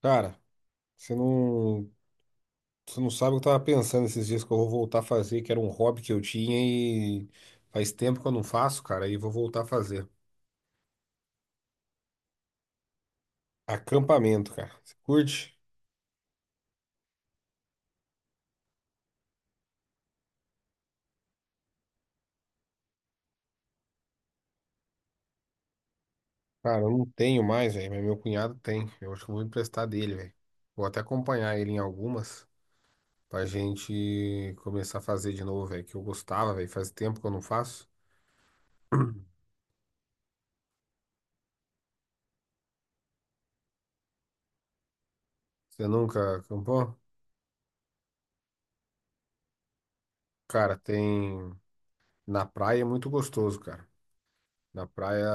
Cara, você não, você não sabe o que eu tava pensando esses dias que eu vou voltar a fazer, que era um hobby que eu tinha e faz tempo que eu não faço, cara, e vou voltar a fazer. Acampamento, cara. Você curte? Cara, eu não tenho mais, velho, mas meu cunhado tem. Eu acho que eu vou emprestar dele, velho. Vou até acompanhar ele em algumas pra gente começar a fazer de novo, velho, que eu gostava, velho. Faz tempo que eu não faço. Você nunca acampou? Cara, tem na praia é muito gostoso, cara. Na praia,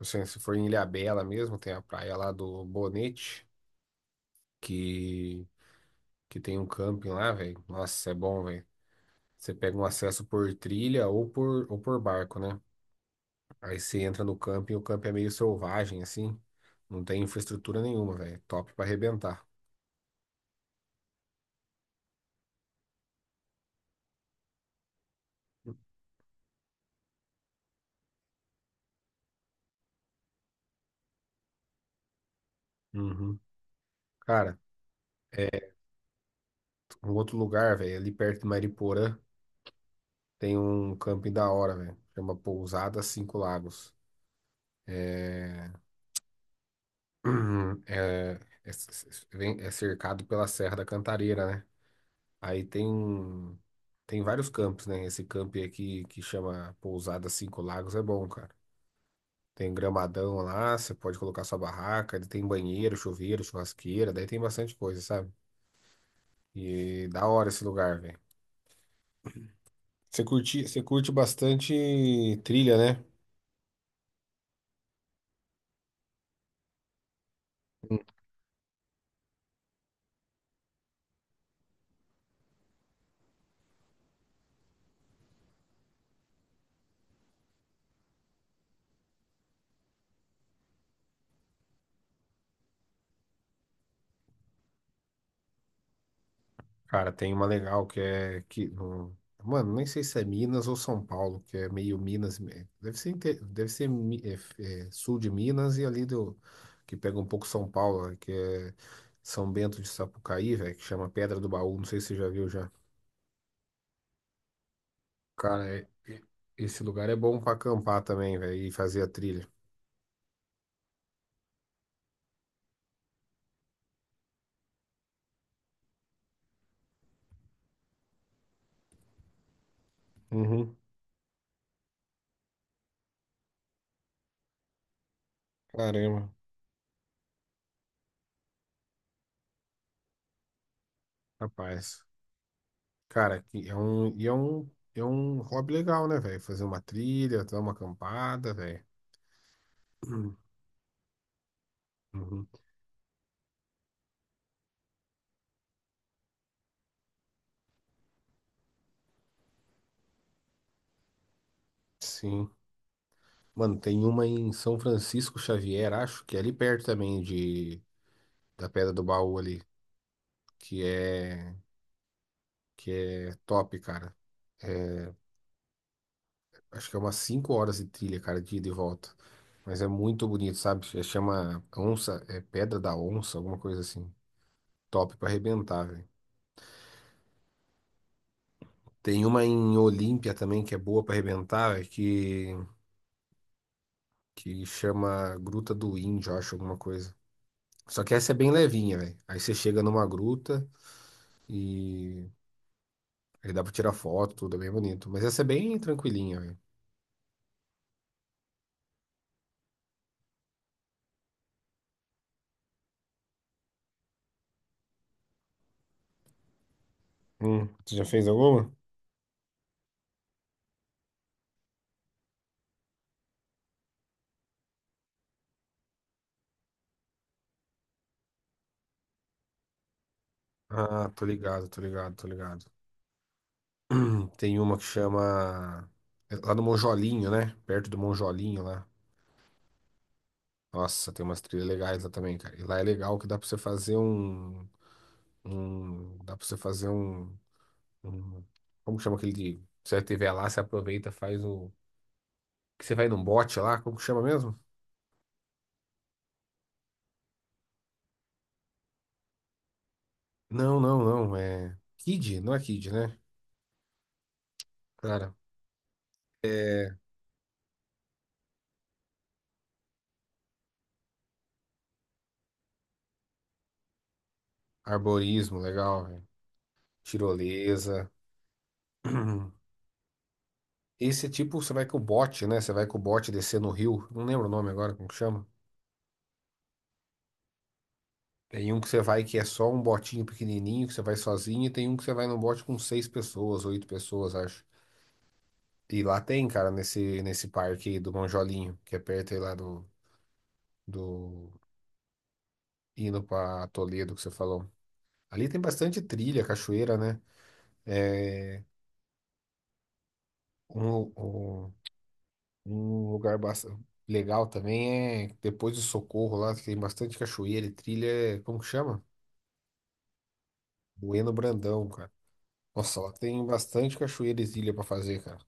assim, se for em Ilhabela mesmo, tem a praia lá do Bonete, que, que tem um camping lá, velho. Nossa, é bom, velho. Você pega um acesso por trilha ou por barco, né? Aí você entra no camping, o camping é meio selvagem, assim. Não tem infraestrutura nenhuma, velho. Top pra arrebentar. Uhum. Cara, é, um outro lugar, velho, ali perto de Mariporã, tem um camping da hora, velho. Chama Pousada Cinco Lagos. É, uhum. É, é, é cercado pela Serra da Cantareira, né? Aí tem vários campos, né? Esse campo aí aqui que chama Pousada Cinco Lagos é bom, cara. Tem gramadão lá, você pode colocar sua barraca, ele tem banheiro, chuveiro, churrasqueira, daí tem bastante coisa, sabe? E da hora esse lugar, velho. Você curte bastante trilha, né? Cara, tem uma legal que é que no- mano, nem sei se é Minas ou São Paulo, que é meio Minas, deve ser deve ser é, é, sul de Minas e ali do que pega um pouco São Paulo, né, que é São Bento de Sapucaí, velho, que chama Pedra do Baú, não sei se você já viu já. Cara, esse lugar é bom pra acampar também, velho, e fazer a trilha. Uhum. Caramba, rapaz. Cara, que é um e é um hobby legal, né, velho? Fazer uma trilha, dar uma acampada, velho. Sim. Mano, tem uma em São Francisco Xavier, acho, que é ali perto também de, da Pedra do Baú ali, que é, que é top, cara. É, acho que é umas 5 horas de trilha, cara, de ida e volta. Mas é muito bonito, sabe? Chama Onça, é Pedra da Onça, alguma coisa assim. Top pra arrebentar, velho. Tem uma em Olímpia também que é boa pra arrebentar, véio, que chama Gruta do Índio, acho, alguma coisa. Só que essa é bem levinha, velho. Aí você chega numa gruta e aí dá pra tirar foto, tudo é bem bonito. Mas essa é bem tranquilinha, velho. Você já fez alguma? Ah, tô ligado, tô ligado, tô ligado. Tem uma que chama. É lá no Monjolinho, né? Perto do Monjolinho lá. Nossa, tem umas trilhas legais lá também, cara. E lá é legal que dá pra você fazer um. Um... Dá pra você fazer um. Um- Como que chama aquele de. Você tiver lá, você aproveita, faz o. Que você vai num bote lá, como que chama mesmo? Não, não, não. É. Kid, não é Kid, né? Cara, é arborismo, legal, velho. Tirolesa. Esse é tipo, você vai com o bote, né? Você vai com o bote descer no rio. Não lembro o nome agora, como que chama. Tem um que você vai que é só um botinho pequenininho, que você vai sozinho, e tem um que você vai num bote com 6 pessoas, 8 pessoas, acho. E lá tem, cara, nesse parque aí do Monjolinho, que é perto aí lá do, do... indo pra Toledo, que você falou. Ali tem bastante trilha, cachoeira, né? É. Um, um, um lugar legal também é depois do Socorro lá, que tem bastante cachoeira e trilha. Como que chama? Bueno Brandão, cara. Nossa, lá tem bastante cachoeira e trilha pra fazer, cara.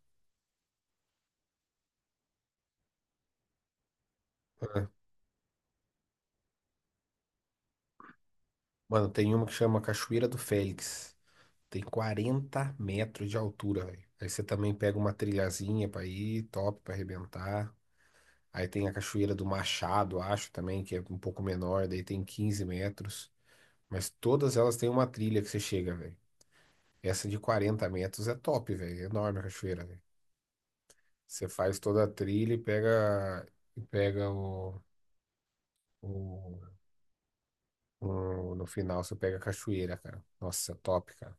É. Mano, tem uma que chama Cachoeira do Félix. Tem 40 metros de altura, velho. Aí você também pega uma trilhazinha pra ir, top pra arrebentar. Aí tem a Cachoeira do Machado, acho também, que é um pouco menor, daí tem 15 metros. Mas todas elas têm uma trilha que você chega, velho. Essa de 40 metros é top, velho. É enorme a cachoeira, velho. Você faz toda a trilha e pega, e pega o, o, no final você pega a cachoeira, cara. Nossa, é top, cara.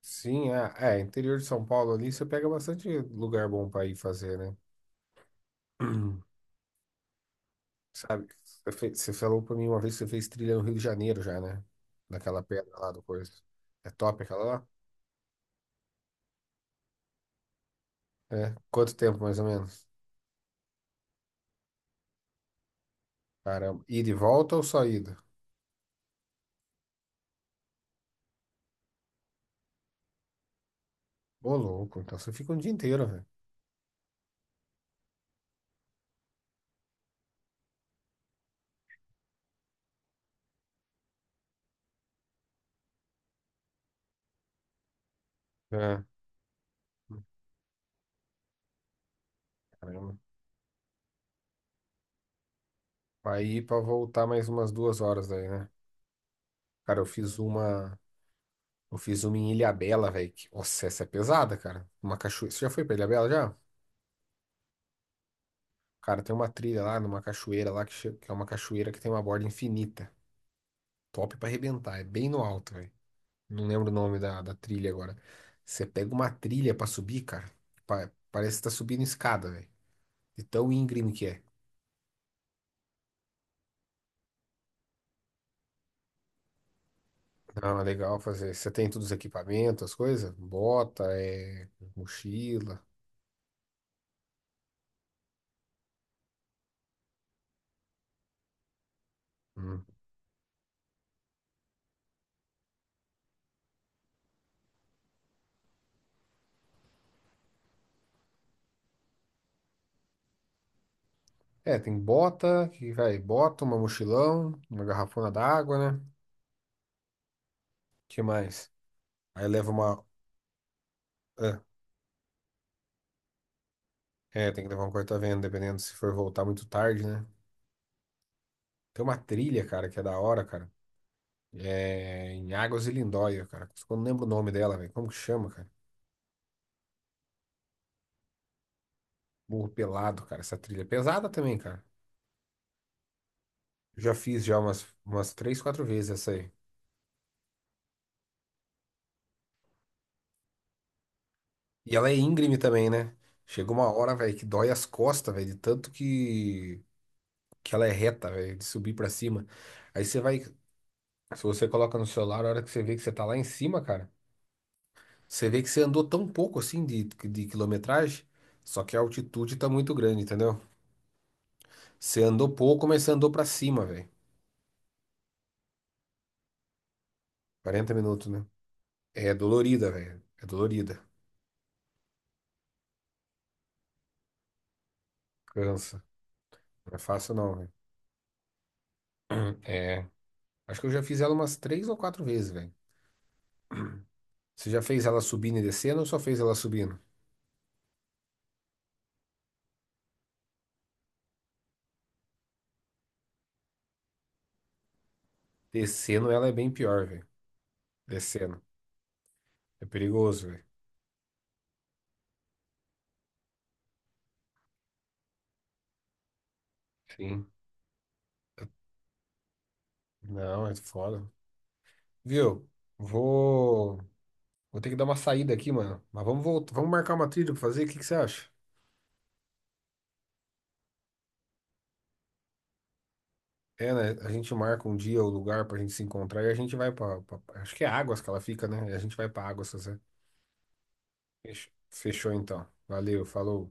Sim, é, é, interior de São Paulo ali você pega bastante lugar bom pra ir fazer, né? Sabe? Você falou pra mim uma vez que você fez trilha no Rio de Janeiro já, né? Naquela pedra lá do coisa. É top aquela lá? É. Quanto tempo mais ou menos? Caramba. Ida e volta ou só ida? Ô, louco. Então você fica um dia inteiro, velho. É, caramba. Pra ir pra voltar mais umas 2 horas aí, né? Cara, eu fiz uma. Eu fiz uma em Ilhabela, velho. Nossa, essa é pesada, cara. Uma cachoeira. Você já foi pra Ilhabela já? Cara, tem uma trilha lá, numa cachoeira lá, que é uma cachoeira que tem uma borda infinita. Top pra arrebentar. É bem no alto, velho. Não lembro o nome da trilha agora. Você pega uma trilha pra subir, cara. Parece que tá subindo escada, velho. De tão íngreme que é. Não, é legal fazer. Você tem todos os equipamentos, as coisas? Bota, é, mochila. Hum. É, tem bota, que vai, bota, uma mochilão, uma garrafona d'água, né? Que mais? Aí leva uma. Ah, é, tem que levar um corta-vento, dependendo se for voltar muito tarde, né? Tem uma trilha, cara, que é da hora, cara. É em Águas de Lindóia, cara. Eu não lembro o nome dela, velho. Como que chama, cara? Burro Pelado, cara. Essa trilha é pesada também, cara. Já fiz já umas três, quatro vezes essa aí. E ela é íngreme também, né? Chegou uma hora, velho, que dói as costas, velho, de tanto que ela é reta, velho, de subir pra cima. Aí você vai, se você coloca no celular, a hora que você vê que você tá lá em cima, cara, você vê que você andou tão pouco assim de quilometragem, só que a altitude tá muito grande, entendeu? Você andou pouco, mas você andou pra cima, velho. 40 minutos, né? É dolorida, velho. É dolorida. Cansa. Não é fácil não, velho. É. Acho que eu já fiz ela umas três ou quatro vezes, velho. Você já fez ela subindo e descendo ou só fez ela subindo? Descendo ela é bem pior, velho. Descendo. É perigoso, velho. Sim. Não, é foda. Viu? Vou. Vou ter que dar uma saída aqui, mano. Mas vamos voltar. Vamos marcar uma trilha pra fazer? O que que você acha? É, né? A gente marca um dia o lugar pra gente se encontrar e a gente vai acho que é Águas que ela fica, né? E a gente vai pra Águas, se você. Fechou, então. Valeu, falou.